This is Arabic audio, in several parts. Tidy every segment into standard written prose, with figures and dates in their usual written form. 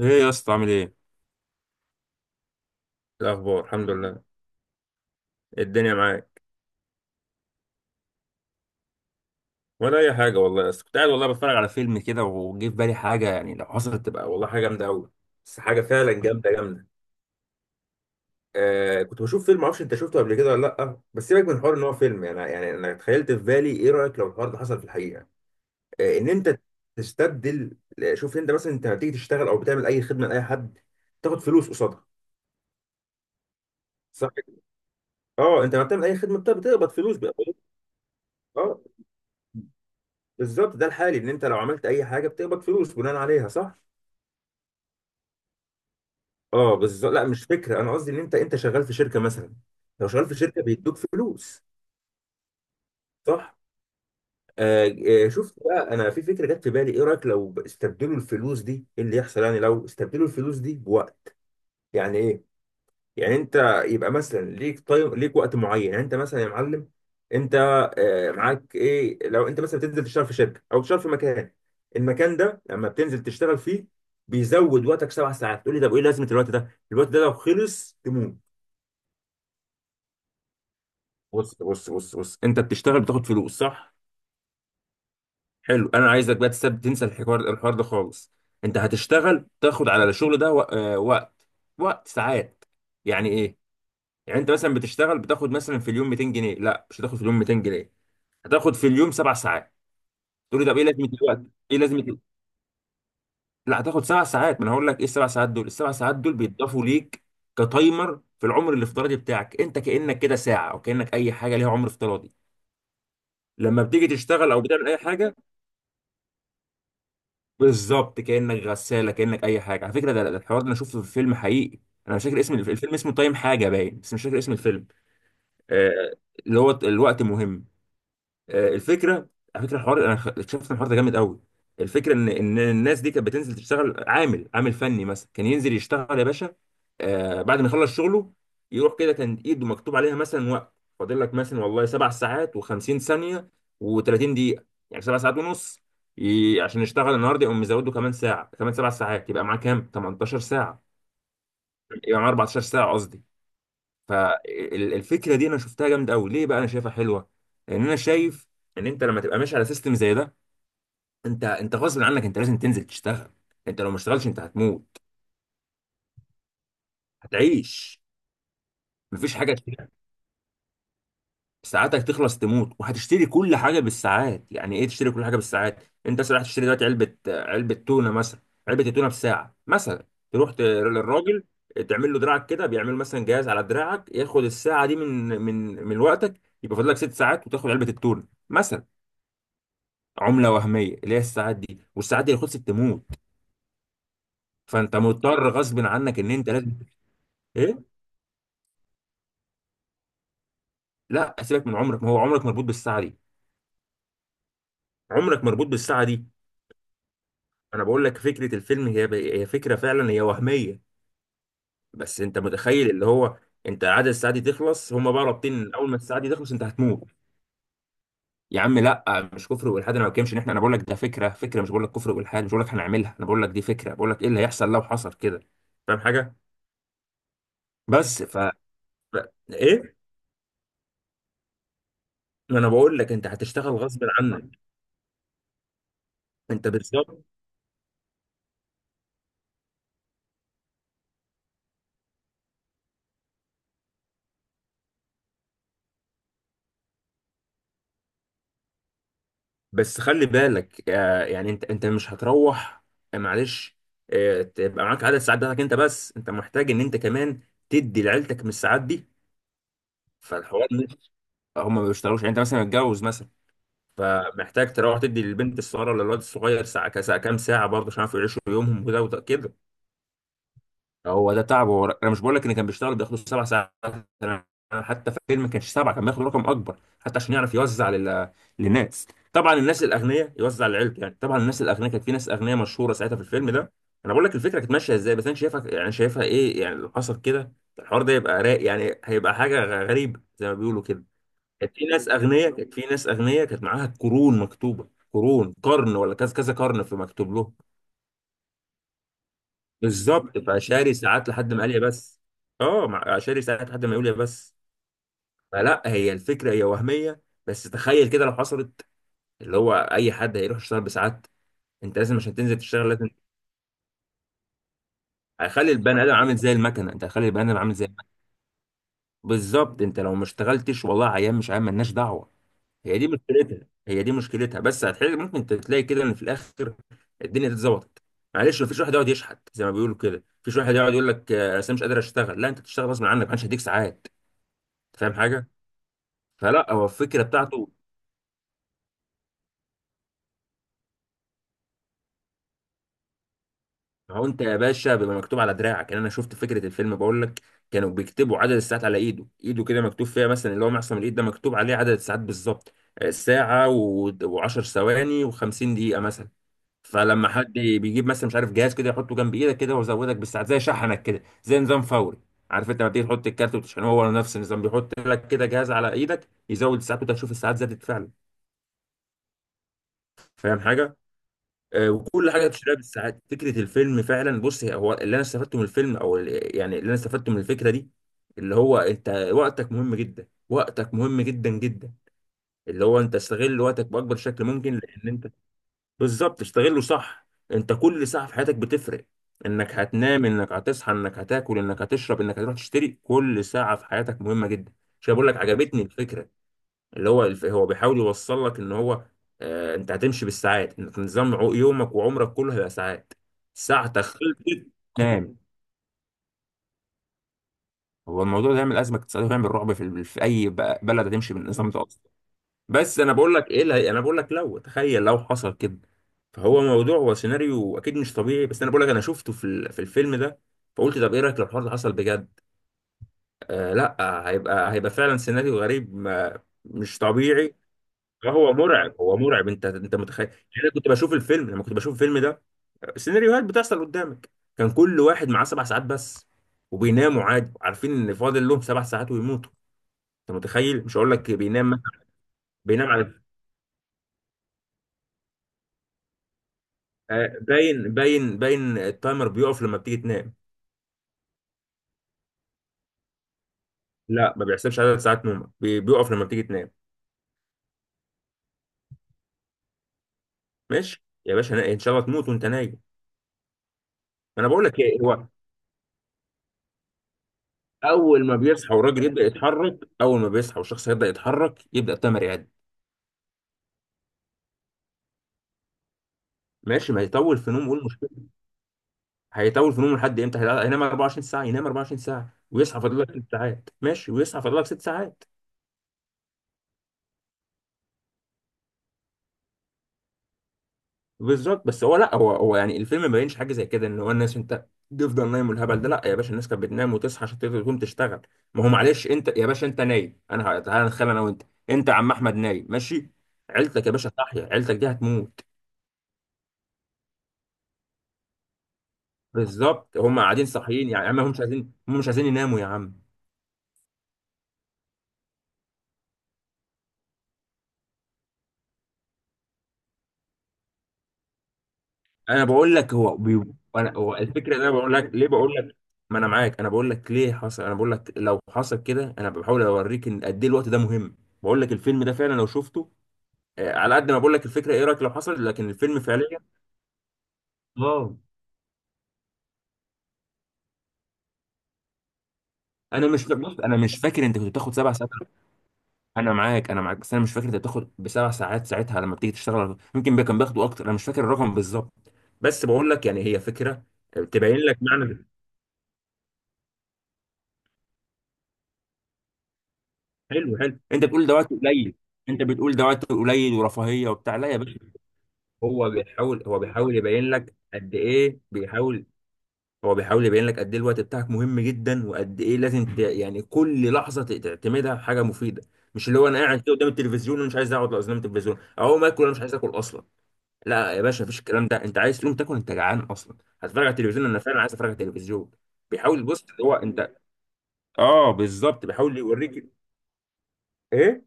ايه يا اسطى عامل ايه؟ الاخبار الحمد لله. إيه الدنيا معاك؟ ولا اي حاجه والله يا اسطى، كنت قاعد والله بتفرج على فيلم كده، وجه في بالي حاجه، يعني لو حصلت تبقى والله حاجه جامده قوي. بس حاجه فعلا جامده جامده. آه، كنت بشوف فيلم، معرفش انت شفته قبل كده ولا لا، بس سيبك من حوار ان هو فيلم، يعني انا تخيلت في بالي، ايه رايك لو الحوار ده حصل في الحقيقه؟ آه، ان انت تستبدل. شوف انت مثلا، انت هتيجي تشتغل او بتعمل اي خدمه لاي حد، تاخد فلوس قصادها صح كده؟ اه، انت لما بتعمل اي خدمه بتقبض فلوس بقى. اه بالظبط، ده الحالي، ان انت لو عملت اي حاجه بتقبض فلوس بناء عليها صح. اه بالظبط. لا مش فكره، انا قصدي ان انت شغال في شركه مثلا. لو شغال في شركه بيدوك فلوس صح. آه. شفت بقى، انا في فكره جت في بالي، ايه رايك لو استبدلوا الفلوس دي؟ ايه اللي يحصل يعني لو استبدلوا الفلوس دي بوقت؟ يعني ايه؟ يعني انت يبقى مثلا ليك، طيب ليك وقت معين، يعني انت مثلا يا معلم، انت، معاك ايه؟ لو انت مثلا بتنزل تشتغل في شركه او تشتغل في مكان، المكان ده لما بتنزل تشتغل فيه بيزود وقتك 7 ساعات. تقول لي طب ايه لازمه الوقت ده؟ الوقت ده لو خلص تموت. بص بص بص بص، انت بتشتغل بتاخد فلوس صح. حلو، انا عايزك بقى تسيب تنسى الحوار ده خالص. انت هتشتغل تاخد على الشغل ده وقت، وقت ساعات. يعني ايه؟ يعني انت مثلا بتشتغل بتاخد مثلا في اليوم 200 جنيه، لا مش هتاخد في اليوم 200 جنيه، هتاخد في اليوم 7 ساعات. تقول لي طب ايه لازمه الوقت؟ ايه لازمه لا هتاخد سبع ساعات، ما انا هقول لك ايه ال7 ساعات دول. ال7 ساعات دول بيتضافوا ليك كتايمر في العمر الافتراضي بتاعك، انت كانك كده ساعه، او كانك اي حاجه ليها عمر افتراضي لما بتيجي تشتغل او بتعمل اي حاجه. بالظبط، كانك غساله، كانك اي حاجه. على فكره ده الحوار ده انا شفته في فيلم حقيقي. انا مش فاكر اسم الفيلم، اسمه تايم حاجه باين، بس مش فاكر اسم الفيلم. آه، اللي هو الوقت مهم. الفكره، على فكره الحوار، انا اكتشفت إن الحوار ده جامد قوي. الفكره ان الناس دي كانت بتنزل تشتغل، عامل فني مثلا كان ينزل يشتغل يا باشا. بعد ما يخلص شغله يروح كده، كان ايده مكتوب عليها مثلا وقت. فاضل لك مثلا والله 7 ساعات و50 ثانيه و30 دقيقه، يعني 7 ساعات ونص. عشان يشتغل النهارده يقوم مزوده كمان ساعه، كمان 7 ساعات، يبقى معاه كام؟ 18 ساعه. يبقى معاه 14 ساعه قصدي. فالفكره دي انا شفتها جامده قوي. ليه بقى انا شايفها حلوه؟ لان انا شايف ان انت لما تبقى ماشي على سيستم زي ده، انت غصب عنك انت لازم تنزل تشتغل. انت لو ما اشتغلتش انت هتموت. هتعيش مفيش حاجه تشتريها. ساعاتك تخلص تموت، وهتشتري كل حاجه بالساعات. يعني ايه تشتري كل حاجه بالساعات؟ انت مثلا رايح تشتري دلوقتي علبه، تونه مثلا. علبه التونه بساعه مثلا. تروح للراجل، تعمل له دراعك كده، بيعمل مثلا جهاز على دراعك ياخد الساعه دي من وقتك، يبقى فاضل لك 6 ساعات وتاخد علبه التونه مثلا. عمله وهميه اللي هي الساعات دي، والساعات دي لو خلصت تموت. فانت مضطر غصب عنك ان انت لازم. ايه؟ لا سيبك من عمرك، ما هو عمرك مربوط بالساعه دي. عمرك مربوط بالساعه دي. انا بقول لك فكره الفيلم هي، هي فكره فعلا، هي وهميه، بس انت متخيل اللي هو انت عدد الساعات دي تخلص، هم بقى رابطين إن اول ما الساعه دي تخلص انت هتموت. يا عم لا، مش كفر والحاد، انا ما بتكلمش ان احنا، انا بقول لك ده فكره، فكره، مش بقول لك كفر والحاد، مش بقول لك هنعملها، انا بقول لك دي فكره، بقول لك ايه اللي هيحصل لو حصل كده. فاهم حاجه؟ بس ايه، ما انا بقول لك انت هتشتغل غصب عنك. انت بالظبط. بس خلي بالك، يعني انت مش هتروح، معلش، تبقى معاك عدد ساعات بتاعتك انت، بس انت محتاج ان انت كمان تدي لعيلتك من الساعات دي. فالحوار مش، هم ما بيشتغلوش، يعني انت مثلا متجوز مثلا، فمحتاج تروح تدي للبنت الصغيره ولا الولد الصغير ساعه، كساعة كام ساعه برضه، عشان يعرفوا يعيشوا يومهم، وده كده. هو ده تعبه، انا مش بقول لك ان كان بيشتغل بياخده سبع ساعات، انا، حتى في الفيلم ما كانش سبعه، كان بياخد رقم اكبر حتى عشان يعرف يوزع لل... للناس. طبعا الناس الاغنياء يوزع لعيلته، يعني طبعا الناس الاغنياء، كانت في ناس اغنياء مشهوره ساعتها في الفيلم ده. انا بقول لك الفكره كانت ماشيه ازاي، بس انا شايفها، يعني شايفها ايه يعني لو حصل كده. الحوار ده يبقى رايق يعني، هيبقى حاجه غريبه زي ما بيقولوا كده. كانت في ناس اغنياء، كانت معاها قرون مكتوبه، قرون، قرن ولا كذا كذا قرن في مكتوب لهم. بالظبط، فشاري ساعات لحد ما قال يا بس. اه شاري ساعات لحد ما يقول يا بس. فلا، هي الفكره هي وهميه، بس تخيل كده لو حصلت، اللي هو اي حد هيروح يشتغل بساعات، انت لازم عشان تنزل تشتغل لازم. هيخلي البني ادم عامل زي المكنه، انت هتخلي البني ادم عامل زي المكنه. بالظبط، انت لو ما اشتغلتش والله، عيان مش عيان مالناش دعوه. هي دي مشكلتها، بس هتحل، ممكن تلاقي كده ان في الاخر الدنيا اتظبطت. معلش، مفيش واحد يقعد يشحت زي ما بيقولوا كده، مفيش واحد يقعد يقول لك انا مش قادر اشتغل، لا انت بتشتغل غصب عنك، محدش هيديك ساعات. فاهم حاجه؟ فلا، هو الفكره بتاعته. ما هو انت يا باشا بيبقى مكتوب على دراعك، يعني انا شفت فكره الفيلم بقول لك، كانوا بيكتبوا عدد الساعات على ايده، ايده كده مكتوب فيها مثلا، اللي هو معصم الايد ده مكتوب عليه عدد الساعات بالظبط، ساعه و10 ثواني و50 دقيقه مثلا. فلما حد بيجيب مثلا، مش عارف، جهاز كده يحطه جنب ايدك كده ويزودك بالساعات، زي شحنك كده، زي نظام فوري، عارف انت لما بتيجي تحط الكارت وتشحنه؟ هو نفس النظام، بيحط لك كده جهاز على ايدك يزود الساعات، وانت تشوف الساعات زادت فعلا. فاهم حاجه؟ وكل حاجه بتشتريها بالساعات، فكره الفيلم فعلا. بص هو اللي انا استفدته من الفيلم يعني اللي انا استفدته من الفكره دي، اللي هو انت وقتك مهم جدا، وقتك مهم جدا جدا، اللي هو انت استغل وقتك باكبر شكل ممكن لان انت، بالظبط، استغله صح. انت كل ساعه في حياتك بتفرق، انك هتنام، انك هتصحى، انك هتاكل، انك هتشرب، انك هتروح تشتري. كل ساعه في حياتك مهمه جدا. مش بقول لك عجبتني الفكره، اللي هو هو بيحاول يوصل لك ان هو، انت هتمشي بالساعات، انت نظام يومك وعمرك كله هيبقى ساعات. ساعتك خلصت تنام. هو الموضوع ده يعمل ازمه اقتصاديه ويعمل رعب في، في اي بلد هتمشي بالنظام ده اصلا. بس انا بقول لك ايه انا بقول لك لو تخيل لو حصل كده، فهو موضوع، هو سيناريو اكيد مش طبيعي، بس انا بقول لك انا شفته في في الفيلم ده. فقلت طب ايه رايك لو الحوار ده حصل بجد؟ آه لا، هيبقى فعلا سيناريو غريب، ما مش طبيعي. اه هو مرعب، هو مرعب. انت انت متخيل؟ يعني انا كنت بشوف الفيلم، لما كنت بشوف الفيلم ده، السيناريوهات بتحصل قدامك، كان كل واحد معاه 7 ساعات بس، وبيناموا عادي عارفين ان فاضل لهم 7 ساعات ويموتوا. انت متخيل؟ مش هقول لك بينام مثلا، بينام على، باين التايمر بيقف لما بتيجي تنام. لا ما بيحسبش عدد ساعات نومك، بيقف لما بتيجي تنام. ماشي يا باشا، ان شاء الله تموت وانت نايم. ما انا بقول لك ايه هو، اول ما بيصحى والراجل يبدا يتحرك، اول ما بيصحى والشخص يبدا يتحرك، يبدا التايمر يعد. ماشي، ما يطول في نوم قول. هيطول في نومه لحد امتى؟ هينام 24 ساعه، ينام 24 ساعه ويصحى فاضل لك ست ساعات، ماشي، ويصحى فاضل لك ست ساعات. بالظبط. بس هو لا، هو يعني الفيلم ما بينش حاجه زي كده ان هو الناس انت تفضل نايم والهبل ده. لا يا باشا، الناس كانت بتنام وتصحى عشان تقدر تقوم تشتغل. ما هو معلش، انت يا باشا انت نايم، انا تعالى نتخيل انا وانت، انت يا عم احمد نايم ماشي، عيلتك يا باشا صاحيه، عيلتك دي هتموت. بالظبط، هم قاعدين صاحيين. يعني يا عم هم مش عايزين، يناموا يا عم. انا بقول لك هو بي... هو الفكره ان انا بقول لك ليه، بقول لك، ما انا معاك، انا بقول لك ليه حصل، انا بقول لك لو حصل كده انا بحاول اوريك ان قد ايه الوقت ده مهم. بقول لك الفيلم ده فعلا لو شفته. على قد ما بقول لك الفكره ايه رايك لو حصل، لكن الفيلم فعليا. اه. انا مش فا- بص انا مش فاكر انت كنت بتاخد 7 ساعات، انا معاك، بس انا مش فاكر انت بتاخد بسبع ساعات ساعتها، لما بتيجي تشتغل ممكن كان بياخدوا اكتر، انا مش فاكر الرقم بالظبط، بس بقول لك يعني هي فكره. تبين لك معنى. حلو حلو، انت بتقول ده وقت قليل، ورفاهيه وبتاع. لا يا باشا، هو بيحاول يبين لك قد ايه. بيحاول، هو بيحاول يبين لك قد ايه الوقت بتاعك مهم جدا، وقد ايه لازم ت... يعني كل لحظه تعتمدها حاجه مفيده. مش اللي هو انا قاعد كده قدام التلفزيون ومش عايز اقعد قدام التلفزيون، اقوم اكل انا مش عايز اكل اصلا. لا يا باشا مفيش الكلام ده، انت عايز تقوم تاكل انت جعان اصلا، هتتفرج على التلفزيون انا فعلا عايز اتفرج على التلفزيون. بيحاول، بص هو انت، اه بالظبط بيحاول يوريك. ايه؟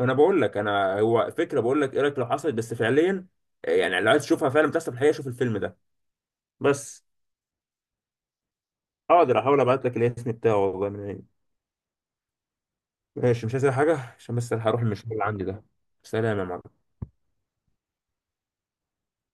انا بقول لك انا، هو فكره، بقول لك ايه رايك لو حصلت بس فعليا، يعني لو عايز تشوفها فعلا بتحصل في الحقيقه شوف الفيلم ده. بس. اقدر احاول ابعت لك الاسم بتاعه والله من عيني. ماشي، مش عايز أي حاجه عشان بس أنا هروح المشوار اللي عندي ده. سلام يا معلم.